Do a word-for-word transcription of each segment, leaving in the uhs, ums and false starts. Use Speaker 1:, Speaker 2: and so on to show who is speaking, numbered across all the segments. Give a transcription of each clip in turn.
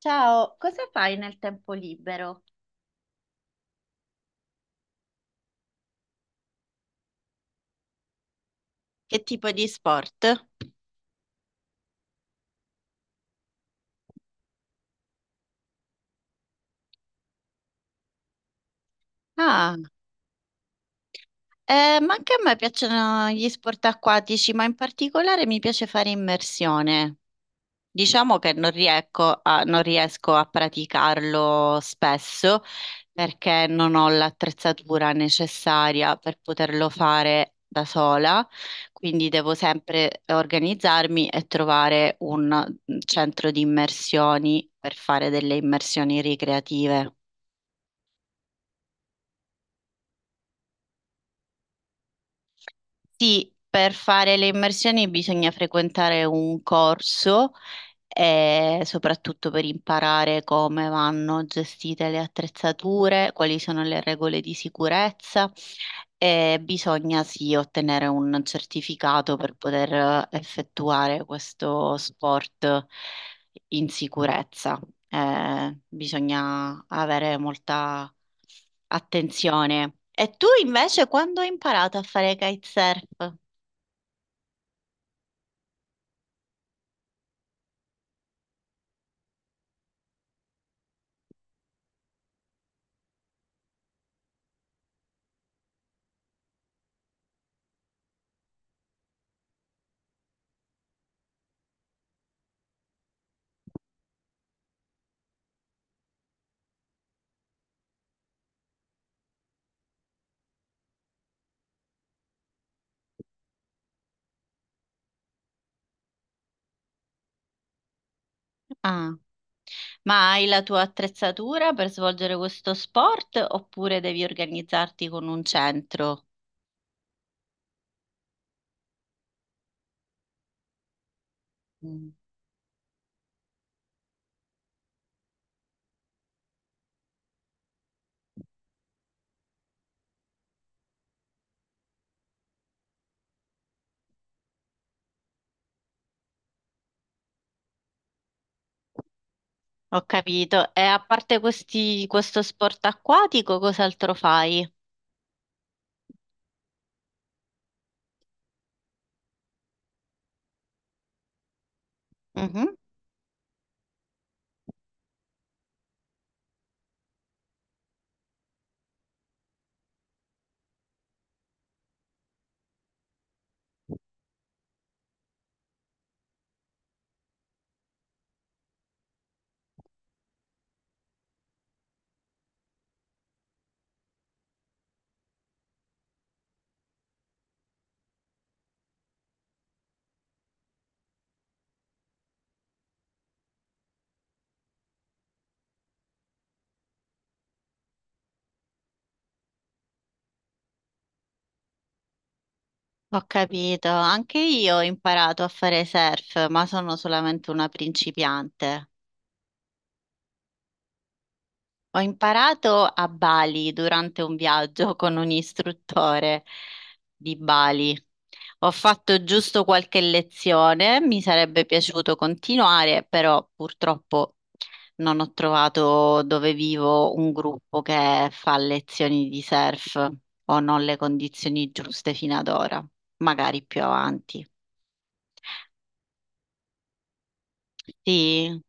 Speaker 1: Ciao, cosa fai nel tempo libero? Che tipo di sport? Ah, eh, ma anche a me piacciono gli sport acquatici, ma in particolare mi piace fare immersione. Diciamo che non riecco a- non riesco a praticarlo spesso perché non ho l'attrezzatura necessaria per poterlo fare da sola, quindi devo sempre organizzarmi e trovare un centro di immersioni per fare delle immersioni ricreative. Sì, per fare le immersioni bisogna frequentare un corso e soprattutto per imparare come vanno gestite le attrezzature, quali sono le regole di sicurezza e bisogna sì ottenere un certificato per poter eh, effettuare questo sport in sicurezza. Eh, bisogna avere molta attenzione. E tu invece quando hai imparato a fare kitesurf? Ah. Ma hai la tua attrezzatura per svolgere questo sport oppure devi organizzarti con un centro? Mm. Ho capito. E a parte questi, questo sport acquatico, cos'altro fai? Mhm. Ho capito. Anche io ho imparato a fare surf, ma sono solamente una principiante. Ho imparato a Bali durante un viaggio con un istruttore di Bali. Ho fatto giusto qualche lezione, mi sarebbe piaciuto continuare, però purtroppo non ho trovato dove vivo un gruppo che fa lezioni di surf o non le condizioni giuste fino ad ora, magari più avanti. Sì.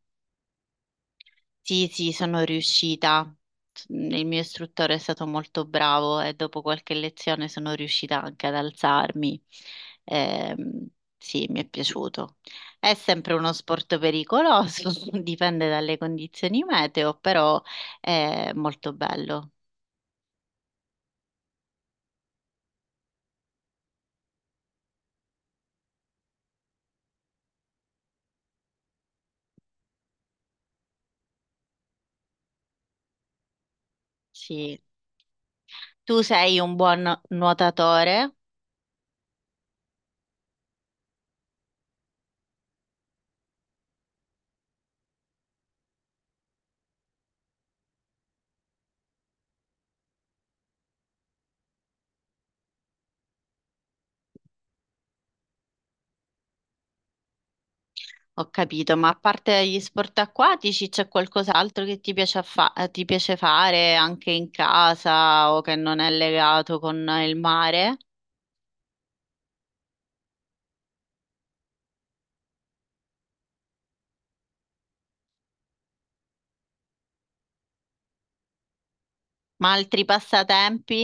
Speaker 1: Sì, sì, sono riuscita. Il mio istruttore è stato molto bravo e dopo qualche lezione sono riuscita anche ad alzarmi. Ehm, sì, mi è piaciuto. È sempre uno sport pericoloso, dipende dalle condizioni meteo, però è molto bello. Sì. Tu sei un buon nuotatore? Ho capito, ma a parte gli sport acquatici, c'è qualcos'altro che ti piace, a fa- eh, ti piace fare anche in casa o che non è legato con il mare? Ma altri passatempi?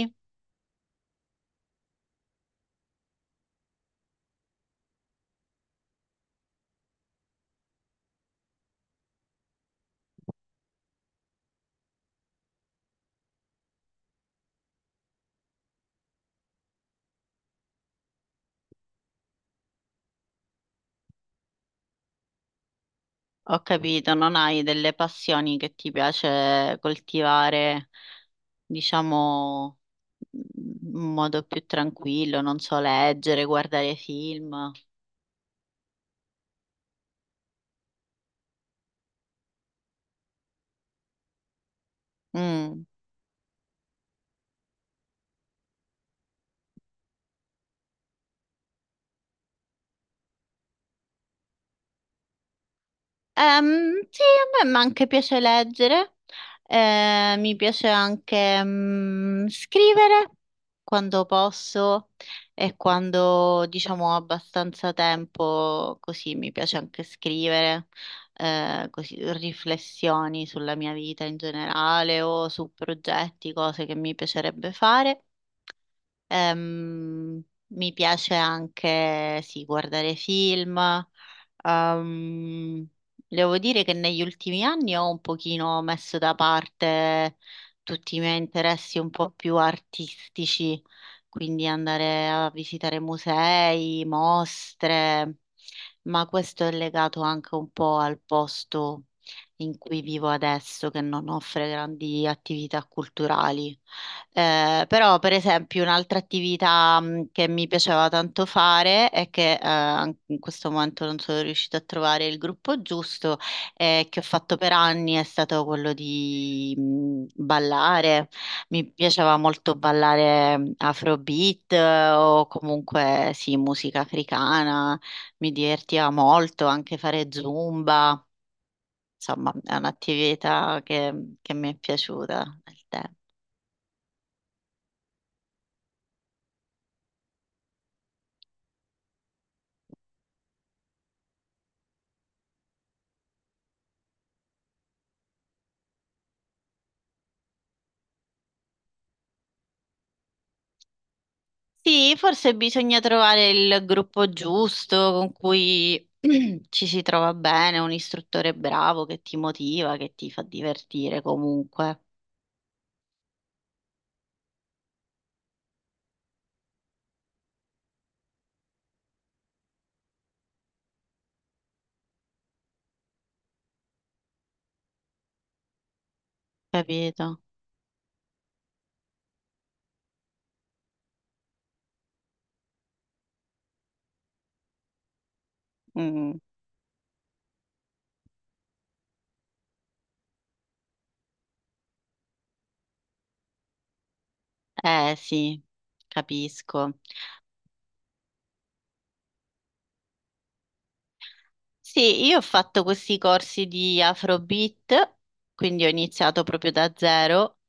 Speaker 1: Ho capito, non hai delle passioni che ti piace coltivare, diciamo, in modo più tranquillo, non so, leggere, guardare film. Mm. Ehm, sì, a me ma anche piace leggere, eh, mi piace anche mm, scrivere quando posso e quando diciamo ho abbastanza tempo, così mi piace anche scrivere, eh, così, riflessioni sulla mia vita in generale o su progetti, cose che mi piacerebbe fare. Ehm, Mi piace anche, sì, guardare film. Ehm, Devo dire che negli ultimi anni ho un pochino messo da parte tutti i miei interessi un po' più artistici, quindi andare a visitare musei, mostre, ma questo è legato anche un po' al posto in cui vivo adesso, che non offre grandi attività culturali. Eh, però, per esempio, un'altra attività mh, che mi piaceva tanto fare è che eh, an- in questo momento non sono riuscita a trovare il gruppo giusto, eh, che ho fatto per anni è stato quello di mh, ballare. Mi piaceva molto ballare mh, Afrobeat eh, o comunque sì, musica africana, mi divertiva molto anche fare Zumba. Insomma, è un'attività che, che mi è piaciuta nel tempo. Sì, forse bisogna trovare il gruppo giusto con cui ci si trova bene, un istruttore bravo che ti motiva, che ti fa divertire comunque, capito? Mm. Eh sì, capisco. Sì, io ho fatto questi corsi di Afrobeat, quindi ho iniziato proprio da zero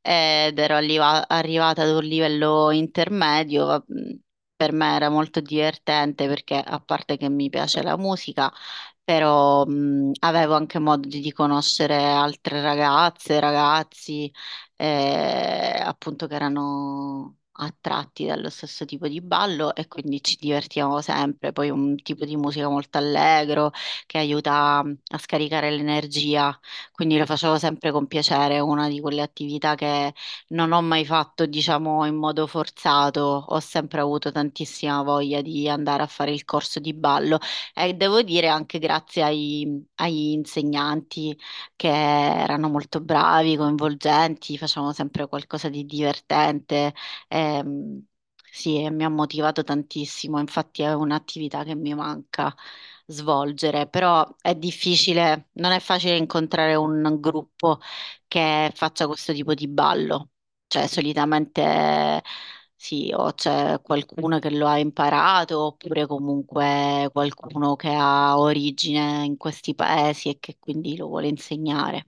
Speaker 1: ed ero alliva- arrivata ad un livello intermedio. va- mh, Per me era molto divertente perché, a parte che mi piace la musica, però mh, avevo anche modo di di conoscere altre ragazze, ragazzi, eh, appunto che erano attratti dallo stesso tipo di ballo e quindi ci divertivamo sempre. Poi un tipo di musica molto allegro che aiuta a scaricare l'energia quindi lo facevo sempre con piacere, è una di quelle attività che non ho mai fatto, diciamo, in modo forzato, ho sempre avuto tantissima voglia di andare a fare il corso di ballo e devo dire anche grazie ai- agli insegnanti che erano molto bravi, coinvolgenti, facevano sempre qualcosa di divertente. Ehm, sì, e mi ha motivato tantissimo, infatti è un'attività che mi manca svolgere, però è difficile, non è facile incontrare un gruppo che faccia questo tipo di ballo, cioè solitamente sì, o c'è qualcuno che lo ha imparato, oppure comunque qualcuno che ha origine in questi paesi e che quindi lo vuole insegnare.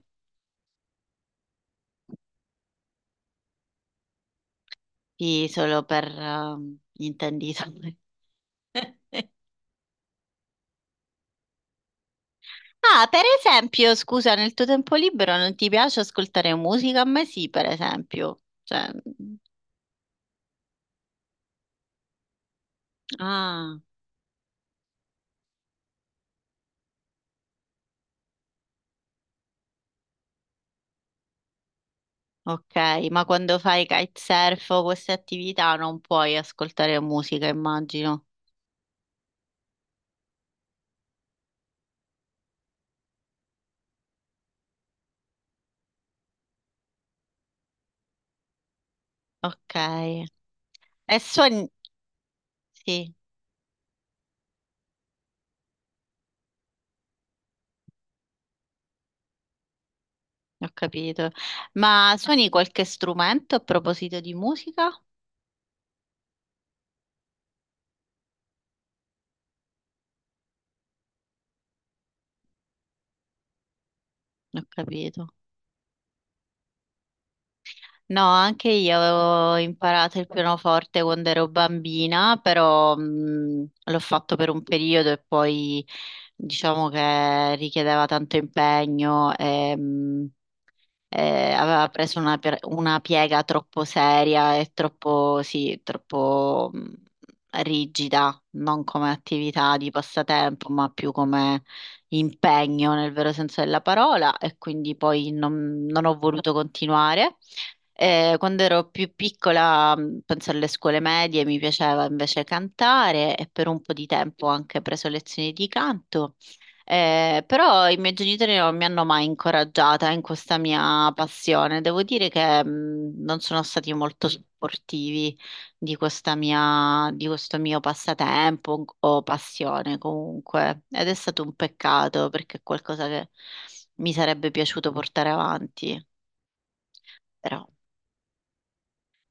Speaker 1: Sì, solo per eh, gli intenditori. Ah, per esempio, scusa, nel tuo tempo libero non ti piace ascoltare musica? A me sì, per esempio. Cioè, mm, ah, ok, ma quando fai kitesurf o queste attività non puoi ascoltare musica, immagino. Ok. E suoni... Sì, ho capito. Ma suoni qualche strumento a proposito di musica? Ho capito. No, anche io avevo imparato il pianoforte quando ero bambina, però mh, l'ho fatto per un periodo e poi diciamo che richiedeva tanto impegno e, mh, e aveva preso una, pie- una piega troppo seria e troppo, sì, troppo mh, rigida, non come attività di passatempo, ma più come impegno nel vero senso della parola e quindi poi non non ho voluto continuare. Eh, quando ero più piccola, mh, penso alle scuole medie, mi piaceva invece cantare e per un po' di tempo ho anche preso lezioni di canto. Eh, però i miei genitori non mi hanno mai incoraggiata in questa mia passione. Devo dire che mh, non sono stati molto supportivi di questa mia- di questo mio passatempo o passione comunque, ed è stato un peccato perché è qualcosa che mi sarebbe piaciuto portare avanti, però.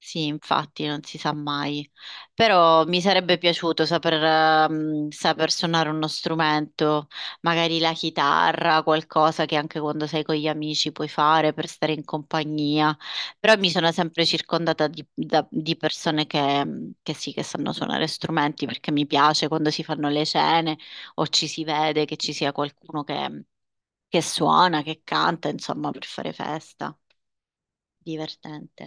Speaker 1: Sì, infatti, non si sa mai. Però mi sarebbe piaciuto saper, ehm, saper suonare uno strumento, magari la chitarra, qualcosa che anche quando sei con gli amici puoi fare per stare in compagnia. Però mi sono sempre circondata di, da- di persone che, mm, che sì, che sanno suonare strumenti perché mi piace quando si fanno le cene o ci si vede che ci sia qualcuno che che suona, che canta, insomma, per fare festa. Divertente.